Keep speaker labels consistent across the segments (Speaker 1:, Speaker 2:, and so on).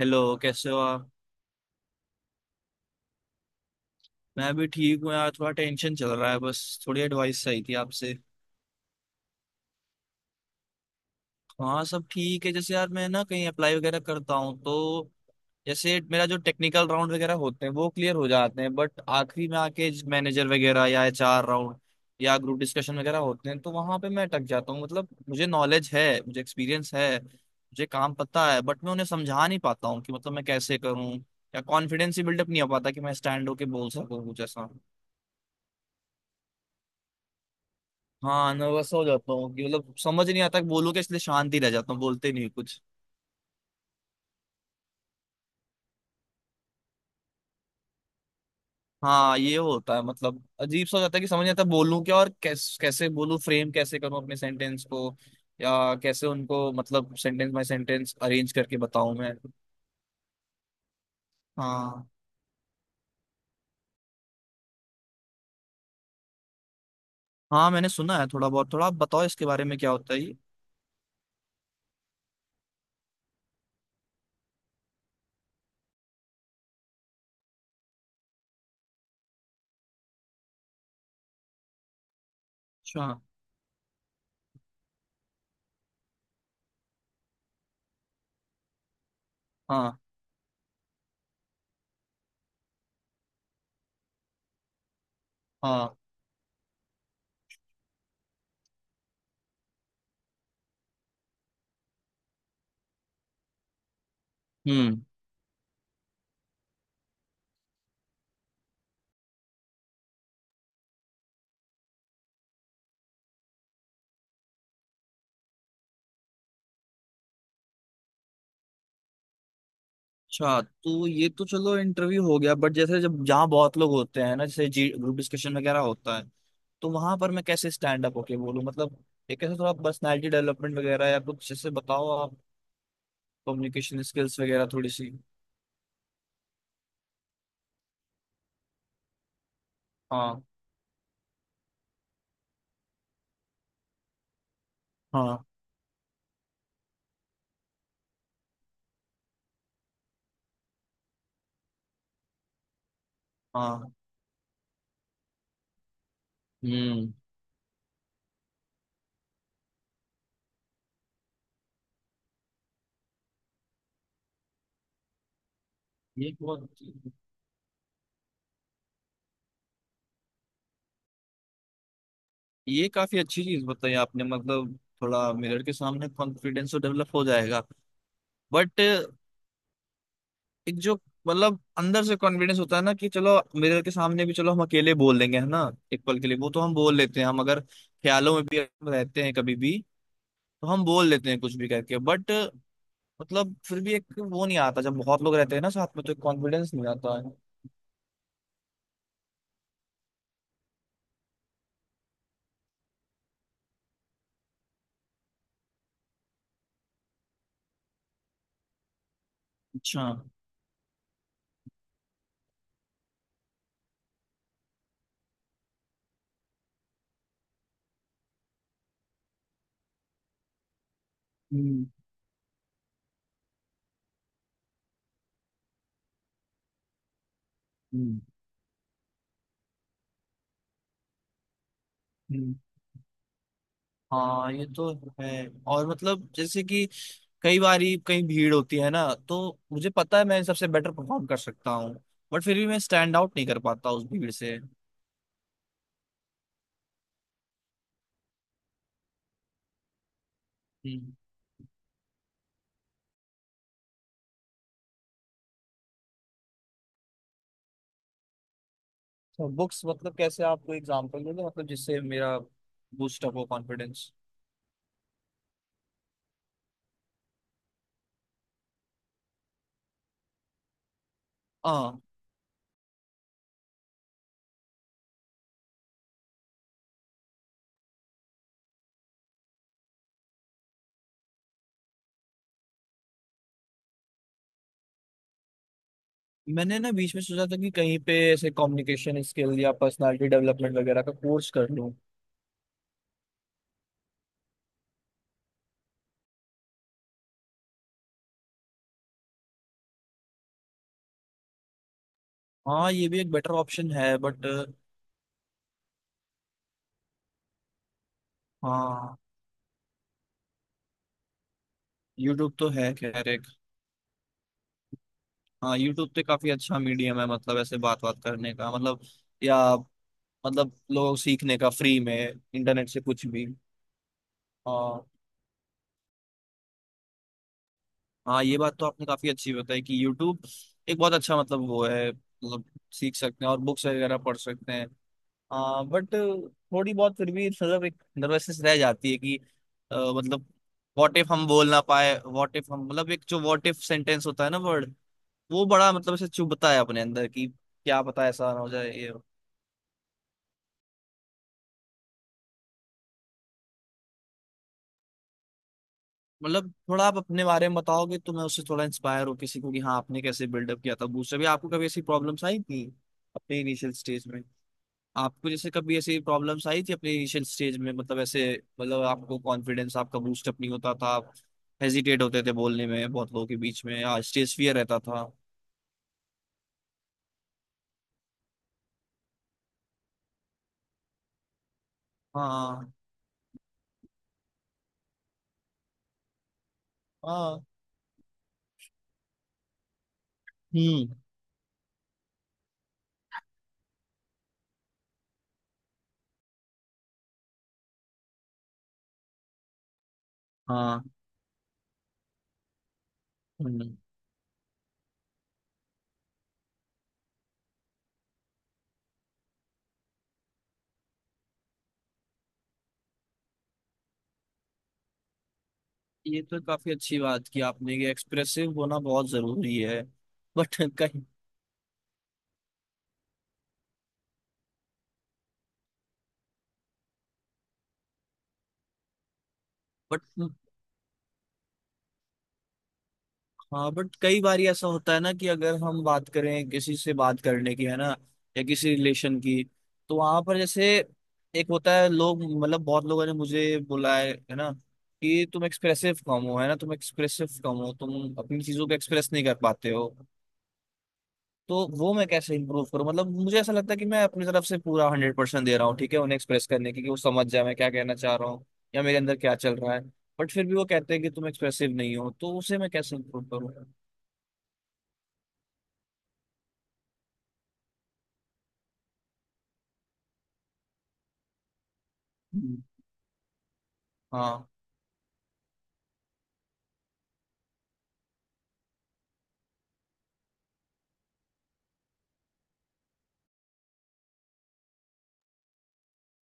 Speaker 1: Hello, कैसे हो आप। मैं भी ठीक हूँ यार, थोड़ा टेंशन चल रहा है बस। थोड़ी एडवाइस चाहिए थी आपसे। हाँ, सब ठीक है। जैसे यार मैं ना कहीं अप्लाई वगैरह करता हूँ तो जैसे मेरा जो टेक्निकल राउंड वगैरह होते हैं वो क्लियर हो जाते हैं, बट आखिरी में आके मैनेजर वगैरह या एचआर राउंड या ग्रुप डिस्कशन वगैरह होते हैं तो वहां पे मैं अटक जाता हूँ। मतलब मुझे नॉलेज है, मुझे एक्सपीरियंस है, मुझे काम पता है, बट मैं उन्हें समझा नहीं पाता हूँ कि मतलब मैं कैसे करूँ या कॉन्फिडेंस ही बिल्डअप नहीं हो पाता कि मैं स्टैंड होके बोल सकूँ कुछ ऐसा। हाँ, नर्वस हो जाता हूँ कि मतलब समझ नहीं आता कि बोलूँ क्या, इसलिए शांति रह जाता हूँ, बोलते नहीं कुछ। हाँ, ये होता है, मतलब अजीब सा हो जाता है कि समझ नहीं आता बोलूँ क्या और कैसे बोलूँ, फ्रेम कैसे करूँ अपने सेंटेंस को या कैसे उनको मतलब सेंटेंस बाय सेंटेंस अरेंज करके बताऊँ मैं। हाँ। हाँ, मैंने सुना है थोड़ा बहुत। थोड़ा आप बताओ इसके बारे में, क्या होता है ये। अच्छा। हाँ। हाँ। हम्म। अच्छा, तो ये तो चलो इंटरव्यू हो गया, बट जैसे जब जहाँ बहुत लोग होते हैं ना, जैसे जी ग्रुप डिस्कशन वगैरह होता है तो वहां पर मैं कैसे स्टैंड अप होके बोलूँ। मतलब एक ऐसे थोड़ा पर्सनैलिटी डेवलपमेंट वगैरह या कुछ, जैसे बताओ आप। कम्युनिकेशन स्किल्स वगैरह थोड़ी सी। हाँ। हाँ। हाँ। हम्म। ये बहुत। ये काफी अच्छी चीज बताई आपने, मतलब थोड़ा मिरर के सामने कॉन्फिडेंस तो डेवलप हो जाएगा, बट एक जो मतलब अंदर से कॉन्फिडेंस होता है ना कि चलो मिरर के सामने भी चलो हम अकेले बोल देंगे है ना, एक पल के लिए वो तो हम बोल लेते हैं, हम अगर ख्यालों में भी रहते हैं कभी भी तो हम बोल लेते हैं कुछ भी करके, बट मतलब फिर भी एक वो नहीं आता जब बहुत लोग रहते हैं ना साथ में, तो एक कॉन्फिडेंस नहीं आता है। अच्छा। हम्म। हम्म। हम्म। हाँ, ये तो है। और मतलब जैसे कि कई बारी कहीं भीड़ होती है ना, तो मुझे पता है मैं सबसे बेटर परफॉर्म कर सकता हूँ, बट फिर भी मैं स्टैंड आउट नहीं कर पाता उस भीड़ से। हम्म। तो बुक्स मतलब कैसे, आपको एग्जांपल दोगे मतलब जिससे मेरा बूस्ट अप हो कॉन्फिडेंस। हाँ, मैंने ना बीच में सोचा था कि कहीं पे ऐसे कम्युनिकेशन स्किल या पर्सनालिटी डेवलपमेंट वगैरह का कोर्स कर लूँ। हाँ, ये भी एक बेटर ऑप्शन है, बट हाँ यूट्यूब तो है खैर एक। हाँ, यूट्यूब तो काफी अच्छा मीडियम है मतलब ऐसे बात बात करने का मतलब या मतलब लोग सीखने का फ्री में, इंटरनेट से कुछ भी। और हाँ, ये बात तो आपने काफी अच्छी बताई कि यूट्यूब एक बहुत अच्छा मतलब वो है, मतलब सीख सकते हैं और बुक्स वगैरह पढ़ सकते हैं। हाँ, बट थोड़ी बहुत फिर भी मतलब एक नर्वसनेस रह जाती है कि मतलब व्हाट इफ हम बोल ना पाए, व्हाट इफ हम मतलब एक जो व्हाट इफ सेंटेंस होता है ना, वर्ड। वो बड़ा मतलब ऐसे चुभता है अपने अंदर कि क्या पता ऐसा ना हो जाए ये। मतलब थोड़ा आप अपने बारे में बताओगे तो मैं उससे थोड़ा इंस्पायर हो किसी को कि हाँ, आपने कैसे बिल्डअप किया था बूस्ट अभी, आपको कभी ऐसी प्रॉब्लम्स आई थी अपने इनिशियल स्टेज में। आपको जैसे कभी ऐसी प्रॉब्लम्स आई थी अपने इनिशियल स्टेज में, मतलब ऐसे मतलब आपको कॉन्फिडेंस आपका बूस्टअप नहीं होता था, आप हेजिटेट होते थे बोलने में बहुत लोगों के बीच में, स्टेज फियर रहता था। हाँ। हाँ। हम्म। हाँ। हम्म। ये तो काफी अच्छी बात की आपने कि एक्सप्रेसिव होना बहुत जरूरी है, बट कहीं। बट हाँ, बट कई बार ऐसा होता है ना कि अगर हम बात करें किसी से, बात करने की है ना या किसी रिलेशन की, तो वहां पर जैसे एक होता है लोग मतलब बहुत लोगों ने मुझे बोला है ना कि तुम एक्सप्रेसिव कम हो है ना, तुम एक्सप्रेसिव कम हो, तुम अपनी चीजों को एक्सप्रेस नहीं कर पाते हो, तो वो मैं कैसे इंप्रूव करूँ। मतलब मुझे ऐसा लगता है कि मैं अपनी तरफ से पूरा हंड्रेड परसेंट दे रहा हूँ ठीक है उन्हें एक्सप्रेस करने की कि वो समझ जाए मैं क्या कहना चाह रहा हूँ या मेरे अंदर क्या चल रहा है, बट फिर भी वो कहते हैं कि तुम एक्सप्रेसिव नहीं हो, तो उसे मैं कैसे इंप्रूव करूँ। हम्म। हाँ।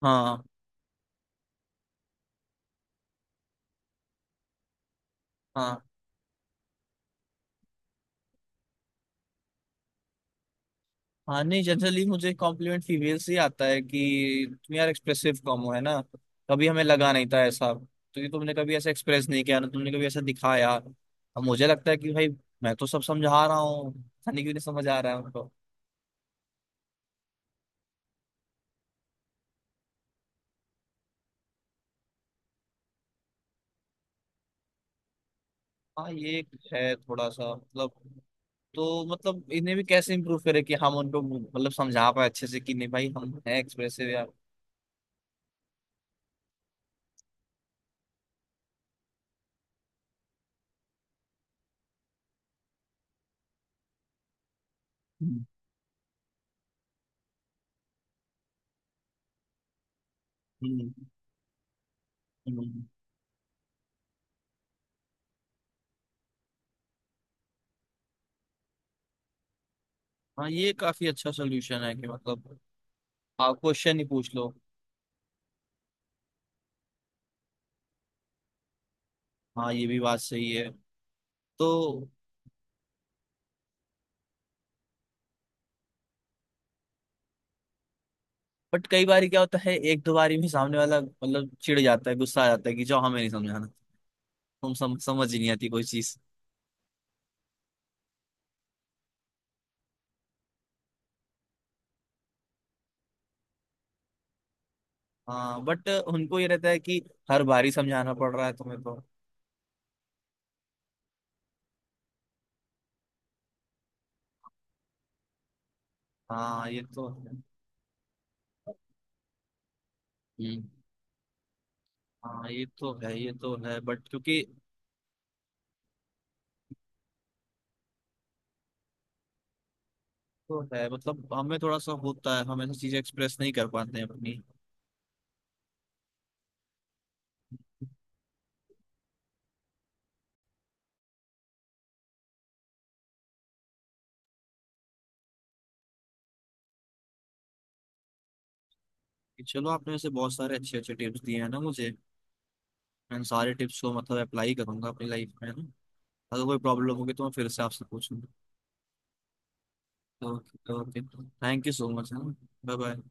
Speaker 1: हाँ। हाँ। हाँ, नहीं जनरली मुझे कॉम्प्लीमेंट फीमेल से ही आता है कि तुम यार एक्सप्रेसिव कम हो है ना, कभी हमें लगा नहीं था ऐसा क्योंकि तुमने कभी ऐसा एक्सप्रेस नहीं किया ना, तुमने कभी ऐसा दिखाया। अब मुझे लगता है कि भाई मैं तो सब समझा रहा हूँ, पता नहीं क्यों नहीं समझ आ रहा है उनको। हाँ, ये एक है थोड़ा सा मतलब। तो मतलब इन्हें भी कैसे इम्प्रूव करे कि हम उनको मतलब समझा पाए अच्छे से कि नहीं भाई, हम हैं एक्सप्रेसिव यार। हम्म। हम्म। हम्म। हाँ, ये काफी अच्छा सोल्यूशन है कि मतलब आप क्वेश्चन ही पूछ लो। हाँ, ये भी बात सही है। तो बट कई बार क्या होता है एक दो बारी में सामने वाला मतलब चिढ़ जाता है, गुस्सा आ जाता है कि जो हमें नहीं समझाना, समझ ही नहीं आती कोई चीज। हाँ, बट उनको ये रहता है कि हर बारी समझाना पड़ रहा है तुम्हें, तो हाँ ये तो है। हम्म। हाँ, ये तो है, ये तो है बट क्योंकि तो है मतलब हमें थोड़ा सा होता है, हम ऐसी चीजें एक्सप्रेस नहीं कर पाते हैं अपनी। कि चलो आपने वैसे बहुत सारे अच्छे अच्छे टिप्स दिए हैं ना मुझे, मैं इन सारे टिप्स को मतलब अप्लाई करूंगा अपनी लाइफ में है ना। अगर कोई प्रॉब्लम होगी तो मैं फिर से आपसे पूछूंगा। Okay okay, thank you so much है ना। Bye bye.